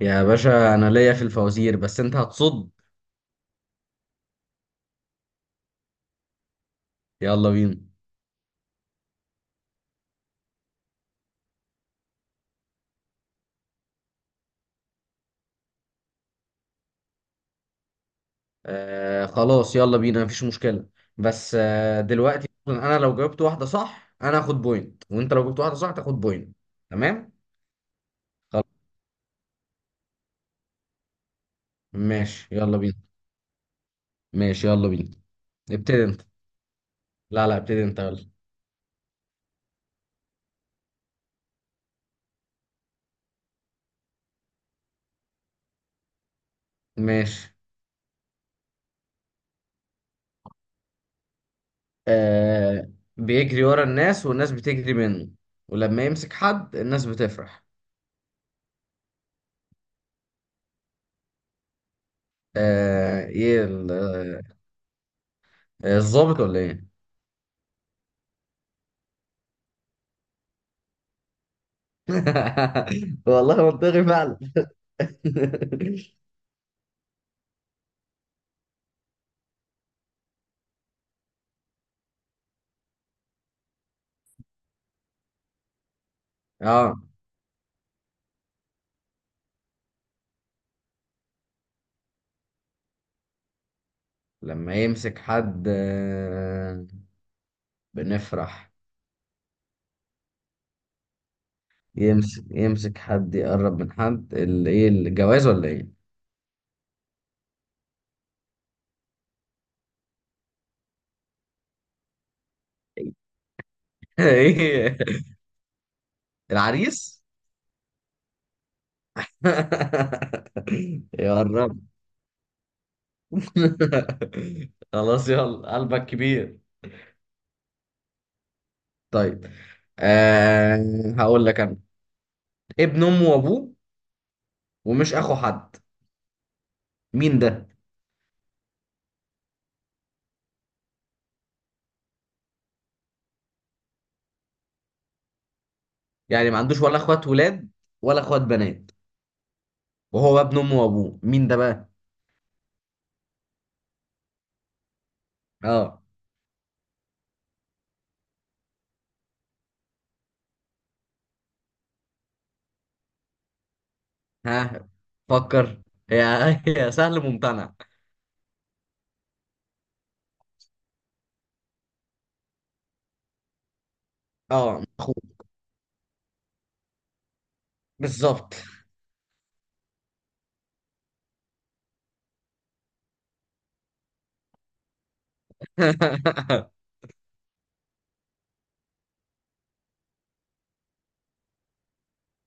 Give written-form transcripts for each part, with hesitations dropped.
يا باشا انا ليا في الفوازير، بس انت هتصد. يلا بينا. آه خلاص، يلا بينا، مفيش مشكلة. بس آه دلوقتي مثلاً انا لو جاوبت واحدة صح انا هاخد بوينت، وانت لو جبت واحدة صح تاخد بوينت. تمام. خلاص، ماشي، يلا بينا. ماشي يلا بينا. ابتدي انت. لا لا، ابتدي انت يلا. ماشي. آه، بيجري ورا الناس والناس بتجري منه، ولما يمسك حد الناس بتفرح. آه، آه، الظابط ولا ايه؟ والله منطقي فعلا. اه، لما يمسك حد آه، بنفرح. يمسك حد، يقرب من حد، ايه، الجواز ولا ايه؟ ايه. العريس. يقرب. خلاص يلا، قلبك كبير. طيب آه، هقول لك انا. ابن امه وابوه ومش اخو حد، مين ده؟ يعني ما عندوش ولا اخوات ولاد ولا اخوات بنات، وهو ابن امه وابوه، مين ده بقى؟ اه. ها. فكر. يا يا سهل ممتنع. اه، اخوك. بالظبط.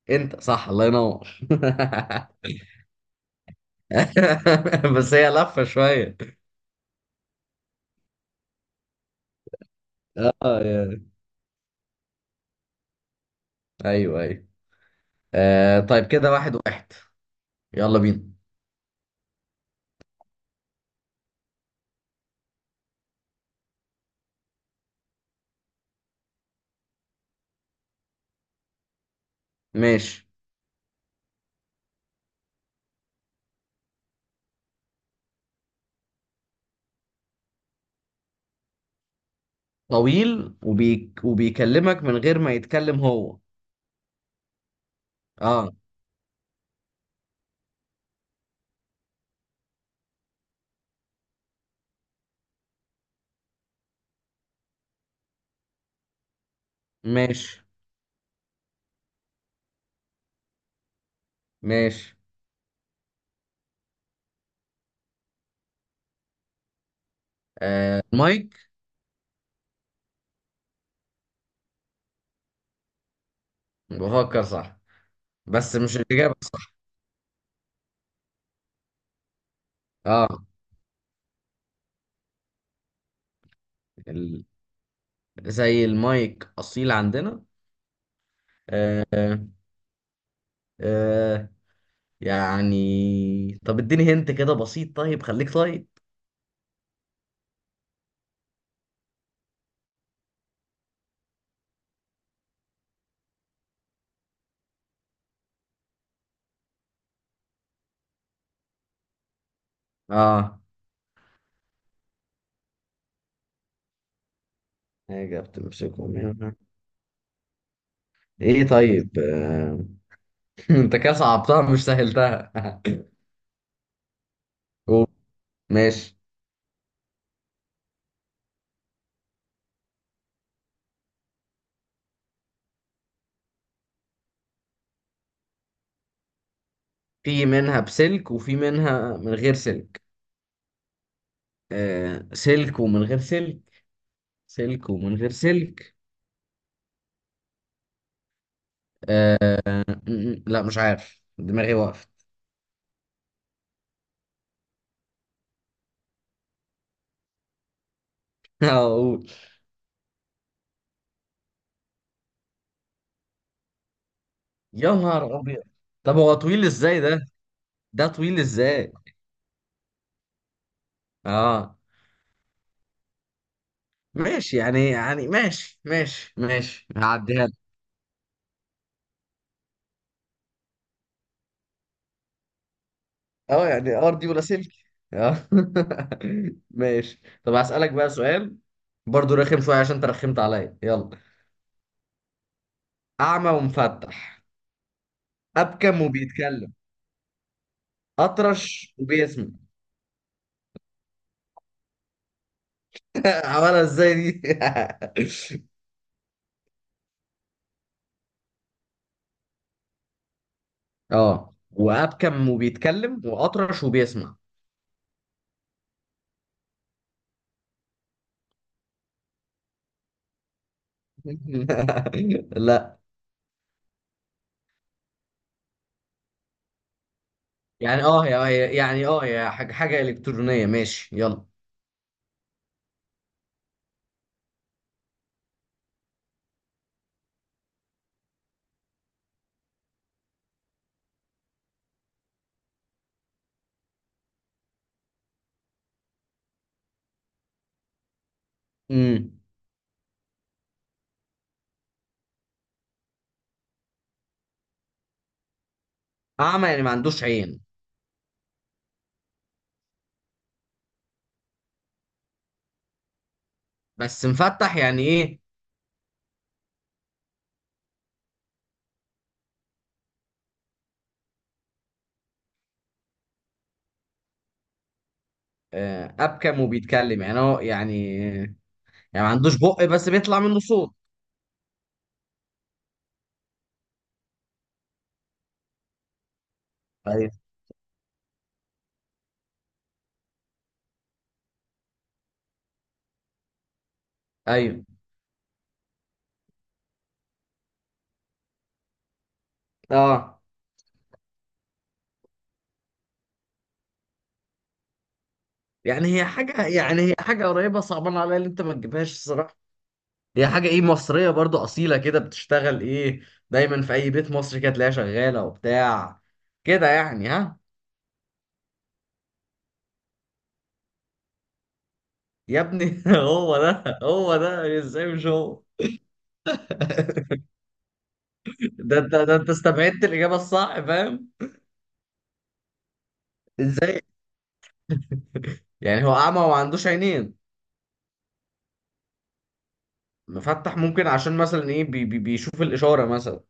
انت صح، الله ينور. بس هي لفة شوية. اه يعني. ايوه ايوه. آه طيب، كده واحد واحد. يلا بينا. ماشي. طويل وبيكلمك من غير ما يتكلم هو. اه. ماشي. ماشي. آه، مايك. بفكر صح؟ بس مش الإجابة صح. اه، زي المايك اصيل عندنا. آه. آه. يعني طب اديني، هنت كده بسيط، طيب خليك طيب. اه، حاجة بتمسكهم هنا. ايه طيب آه. انت كده صعبتها مش سهلتها. قول. ماشي. في منها بسلك وفي منها من غير سلك. آه، سلك ومن غير سلك. سلك ومن غير سلك. لا، مش عارف، دماغي وقفت. اقول. يا نهار ابيض. طب هو طويل ازاي ده؟ ده طويل ازاي؟ اه ماشي، يعني يعني ماشي ماشي ماشي، هعديها لك. اه يعني ارضي ولا سلك. اه. ماشي، طب هسألك بقى سؤال برضو رخم شوية عشان انت رخمت عليا. يلا. اعمى ومفتح. ابكم وبيتكلم. اطرش وبيسمع. عملها ازاي دي؟ اه، وابكم وبيتكلم واطرش وبيسمع. لا يعني اه، يعني اه، يا حاجة حاجة إلكترونية. ماشي يلا. امم اعمى يعني ما عندوش عين. بس مفتح يعني ايه؟ آه، ابكم وبيتكلم يعني هو يعني، يعني ما عندوش بق بس بيطلع منه صوت. ايوه ايوه. اه يعني هي حاجه، يعني هي حاجه قريبه، صعبان عليا اللي انت ما تجيبهاش الصراحه. هي حاجه ايه مصريه برضو اصيله كده، بتشتغل ايه، دايما في اي بيت مصري كده تلاقيها شغاله وبتاع كده يعني. ها؟ يا ابني هو ده، هو ده. ازاي مش هو؟ ده انت، ده انت استبعدت الاجابه الصح، فاهم. ازاي؟ يعني هو اعمى وما عندوش عينين. مفتح ممكن عشان مثلا ايه، بي بي بيشوف الاشاره مثلا.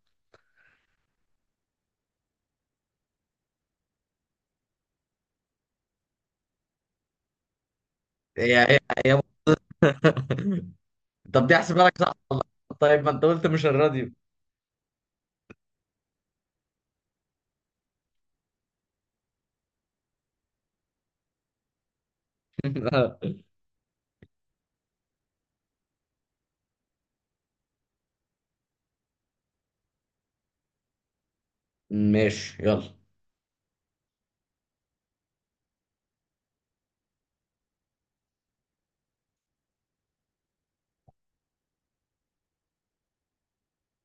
هي هي. هي. طب دي احسبها لك صح والله. طيب ما انت قلت مش الراديو. ماشي يلا.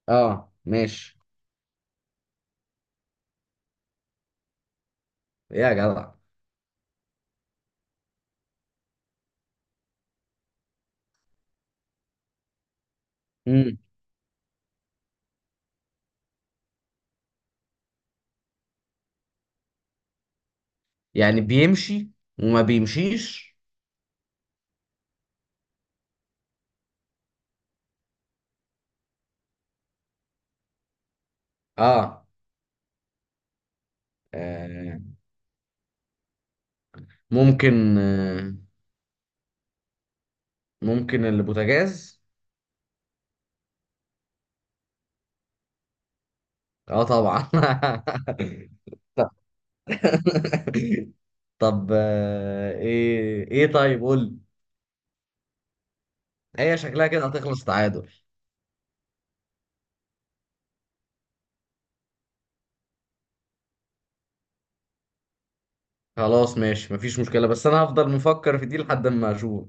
اه ماشي. يا جدع. امم يعني بيمشي وما بيمشيش. اه. آه. ممكن آه. ممكن البوتاجاز. اه طبعا. طب آه، ايه ايه، طيب قول لي. هي شكلها كده هتخلص تعادل. خلاص ماشي، مفيش مشكلة، بس أنا هفضل مفكر في دي لحد ما أشوف.